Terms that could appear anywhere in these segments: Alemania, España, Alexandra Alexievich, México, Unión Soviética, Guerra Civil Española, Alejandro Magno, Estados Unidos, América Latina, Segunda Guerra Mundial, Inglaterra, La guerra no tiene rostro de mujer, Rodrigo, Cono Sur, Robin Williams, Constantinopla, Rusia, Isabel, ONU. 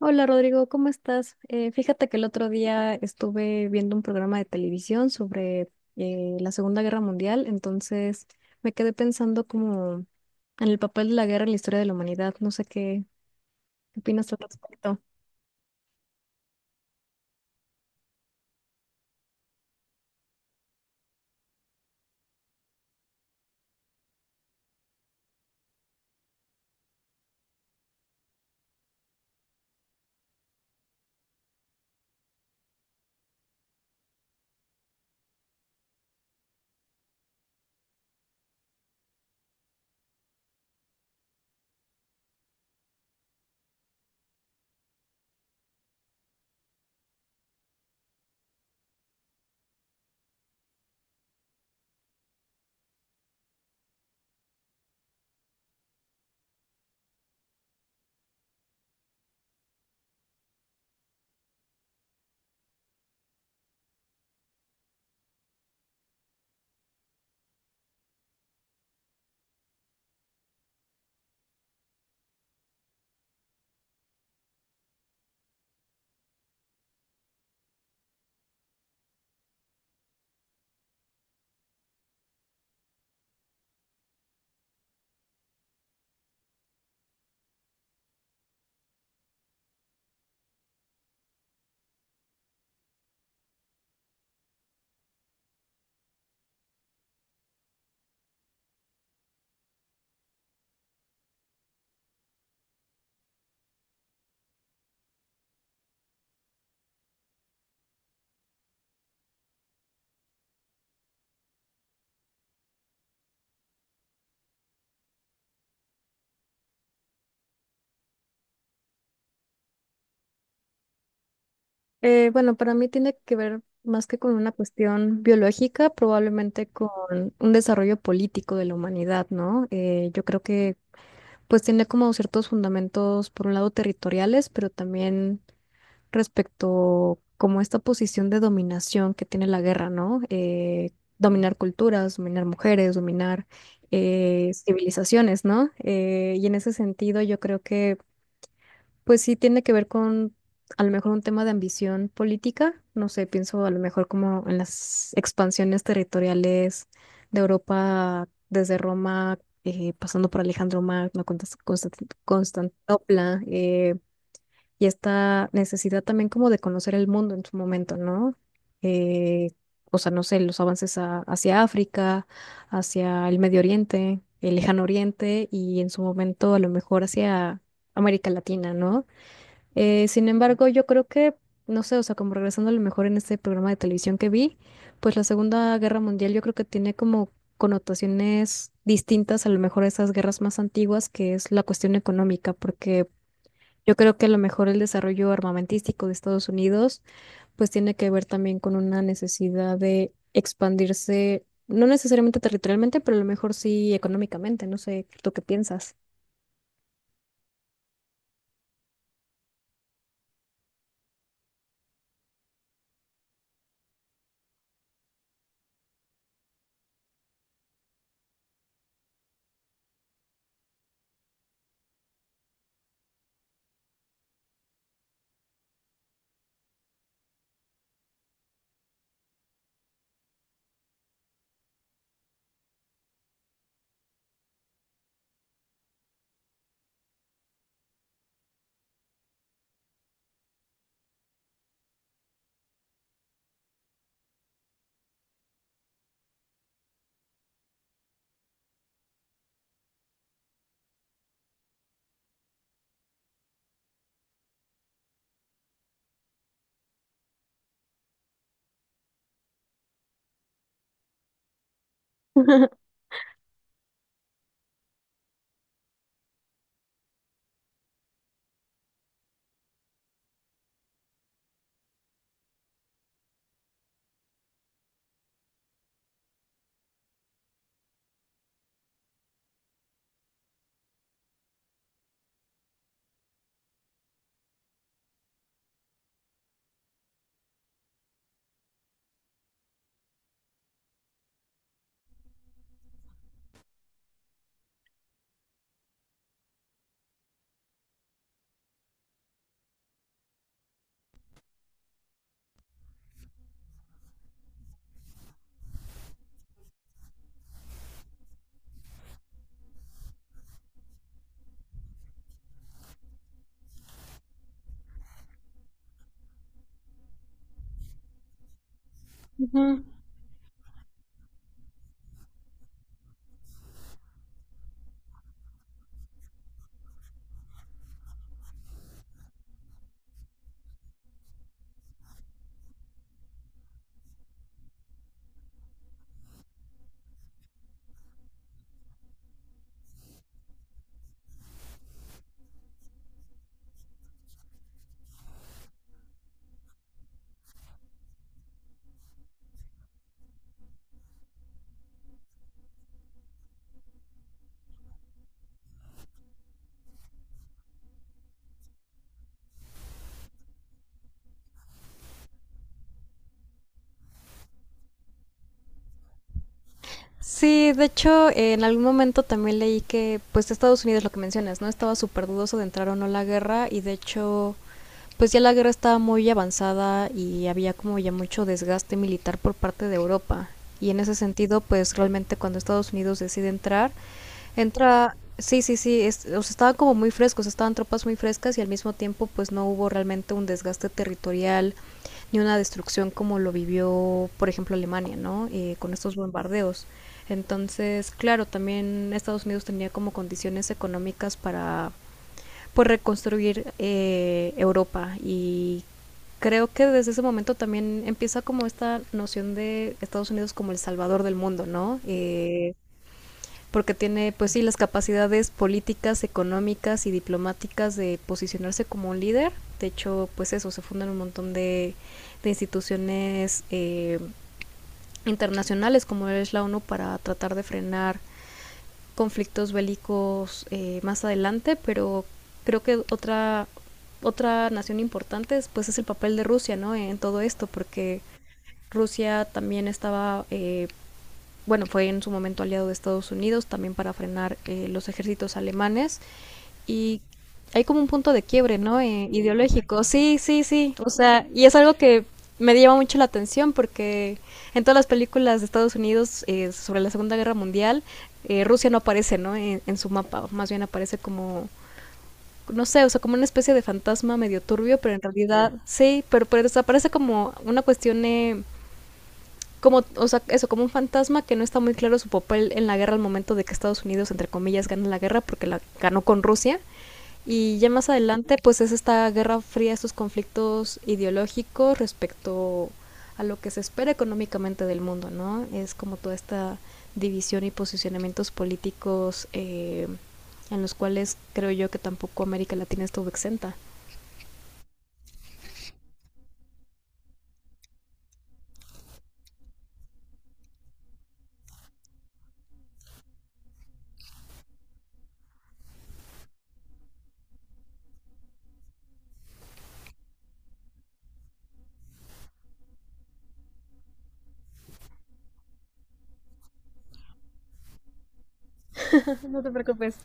Hola Rodrigo, ¿cómo estás? Fíjate que el otro día estuve viendo un programa de televisión sobre la Segunda Guerra Mundial. Entonces me quedé pensando como en el papel de la guerra en la historia de la humanidad. No sé qué, qué opinas tú al respecto. Bueno, para mí tiene que ver más que con una cuestión biológica, probablemente con un desarrollo político de la humanidad, ¿no? Yo creo que pues tiene como ciertos fundamentos, por un lado territoriales, pero también respecto como esta posición de dominación que tiene la guerra, ¿no? Dominar culturas, dominar mujeres, dominar civilizaciones, ¿no? Y en ese sentido yo creo que pues sí tiene que ver con a lo mejor un tema de ambición política, no sé, pienso a lo mejor como en las expansiones territoriales de Europa desde Roma, pasando por Alejandro Magno, Constantinopla, y esta necesidad también como de conocer el mundo en su momento, ¿no? Eh, o sea, no sé, los avances hacia África, hacia el Medio Oriente, el Lejano Oriente y en su momento a lo mejor hacia América Latina, ¿no? Sin embargo, yo creo que, no sé, o sea, como regresando a lo mejor en este programa de televisión que vi, pues la Segunda Guerra Mundial yo creo que tiene como connotaciones distintas a lo mejor a esas guerras más antiguas, que es la cuestión económica, porque yo creo que a lo mejor el desarrollo armamentístico de Estados Unidos pues tiene que ver también con una necesidad de expandirse, no necesariamente territorialmente, pero a lo mejor sí económicamente. No sé, ¿tú qué piensas? Sí, de hecho, en algún momento también leí que, pues, Estados Unidos, lo que mencionas, ¿no? Estaba súper dudoso de entrar o no a la guerra y, de hecho, pues ya la guerra estaba muy avanzada y había como ya mucho desgaste militar por parte de Europa. Y en ese sentido, pues realmente cuando Estados Unidos decide entrar, entra, sí, sí, sí, es, o sea, estaban como muy frescos, estaban tropas muy frescas y al mismo tiempo pues no hubo realmente un desgaste territorial ni una destrucción como lo vivió, por ejemplo, Alemania, ¿no? Con estos bombardeos. Entonces, claro, también Estados Unidos tenía como condiciones económicas para por reconstruir Europa, y creo que desde ese momento también empieza como esta noción de Estados Unidos como el salvador del mundo, ¿no? Porque tiene, pues sí, las capacidades políticas, económicas y diplomáticas de posicionarse como un líder. De hecho, pues eso, se fundan un montón de instituciones internacionales como es la ONU para tratar de frenar conflictos bélicos más adelante, pero creo que otra, otra nación importante pues, es el papel de Rusia, ¿no? En todo esto, porque Rusia también estaba, bueno, fue en su momento aliado de Estados Unidos también para frenar los ejércitos alemanes, y hay como un punto de quiebre, ¿no? Ideológico. Sí, sí, sí. O sea, y es algo que me llama mucho la atención porque en todas las películas de Estados Unidos sobre la Segunda Guerra Mundial, Rusia no aparece, ¿no? En su mapa, o más bien aparece como, no sé, o sea, como una especie de fantasma medio turbio, pero en realidad sí, pero desaparece como una cuestión, como, o sea, eso, como un fantasma que no está muy claro su papel en la guerra al momento de que Estados Unidos, entre comillas, gana la guerra porque la ganó con Rusia. Y ya más adelante, pues es esta guerra fría, estos conflictos ideológicos respecto a lo que se espera económicamente del mundo, ¿no? Es como toda esta división y posicionamientos políticos en los cuales creo yo que tampoco América Latina estuvo exenta. No te preocupes.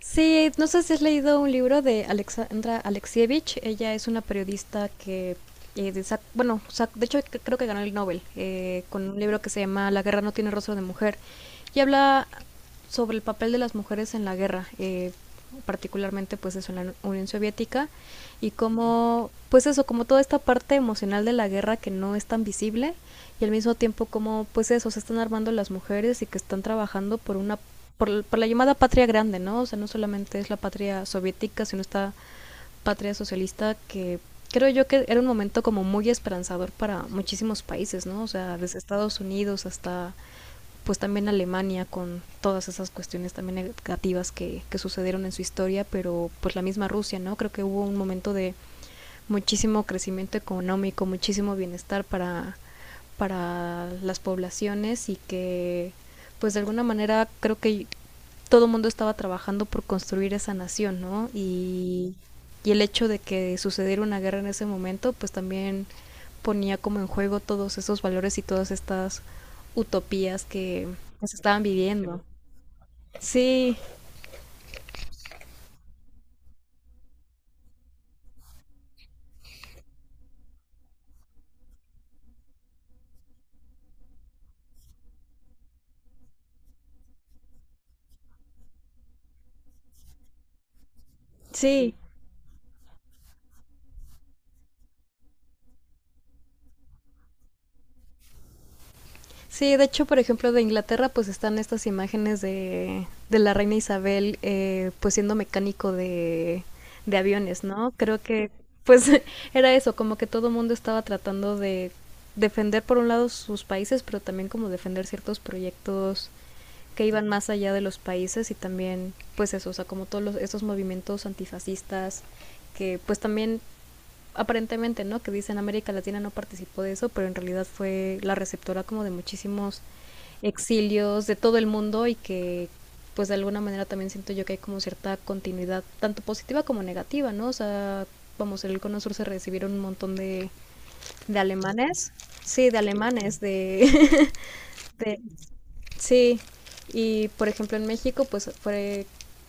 Sí, no sé si has leído un libro de Alexandra Alexievich. Ella es una periodista que, bueno, de hecho creo que ganó el Nobel con un libro que se llama La guerra no tiene rostro de mujer. Y habla sobre el papel de las mujeres en la guerra, particularmente pues eso en la Unión Soviética y cómo, pues eso, como toda esta parte emocional de la guerra que no es tan visible y al mismo tiempo como, pues eso, se están armando las mujeres y que están trabajando por una, por la llamada patria grande, ¿no? O sea, no solamente es la patria soviética, sino esta patria socialista que creo yo que era un momento como muy esperanzador para muchísimos países, ¿no? O sea, desde Estados Unidos hasta pues también Alemania con todas esas cuestiones también negativas que sucedieron en su historia, pero pues la misma Rusia, ¿no? Creo que hubo un momento de muchísimo crecimiento económico, muchísimo bienestar para las poblaciones y que pues de alguna manera creo que todo el mundo estaba trabajando por construir esa nación, ¿no? Y el hecho de que sucediera una guerra en ese momento pues también ponía como en juego todos esos valores y todas estas utopías que se estaban viviendo. Sí, sí, sí, de hecho, por ejemplo, de Inglaterra, pues están estas imágenes de la reina Isabel, pues siendo mecánico de aviones, ¿no? Creo que, pues, era eso, como que todo el mundo estaba tratando de defender, por un lado, sus países, pero también como defender ciertos proyectos que iban más allá de los países y también, pues eso, o sea, como todos los, esos movimientos antifascistas que, pues también aparentemente, ¿no? Que dicen América Latina no participó de eso, pero en realidad fue la receptora como de muchísimos exilios de todo el mundo y que pues de alguna manera también siento yo que hay como cierta continuidad, tanto positiva como negativa, ¿no? O sea, vamos, en el Cono Sur se recibieron un montón de alemanes, sí, de alemanes, de, de, sí, y por ejemplo en México pues fue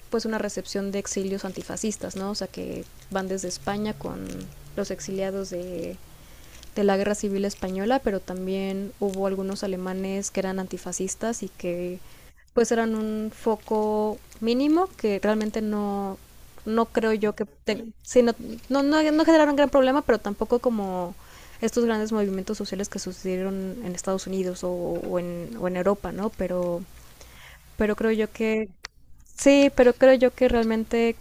pues una recepción de exilios antifascistas, ¿no? O sea que van desde España con los exiliados de la Guerra Civil Española, pero también hubo algunos alemanes que eran antifascistas y que pues eran un foco mínimo que realmente no, no creo yo que sí, no, no, no, no generaron gran problema, pero tampoco como estos grandes movimientos sociales que sucedieron en Estados Unidos o en Europa, ¿no? Pero creo yo que, sí, pero creo yo que realmente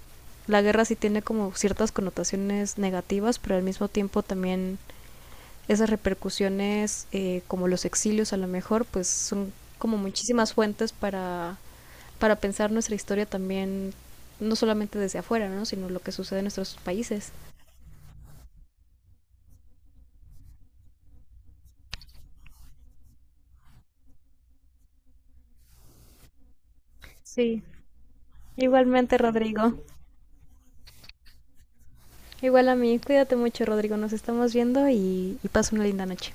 la guerra sí tiene como ciertas connotaciones negativas, pero al mismo tiempo también esas repercusiones, como los exilios a lo mejor, pues son como muchísimas fuentes para pensar nuestra historia también, no solamente desde afuera, ¿no? Sino lo que sucede en nuestros países. Sí, igualmente Rodrigo. Igual a mí, cuídate mucho Rodrigo, nos estamos viendo y pasa una linda noche.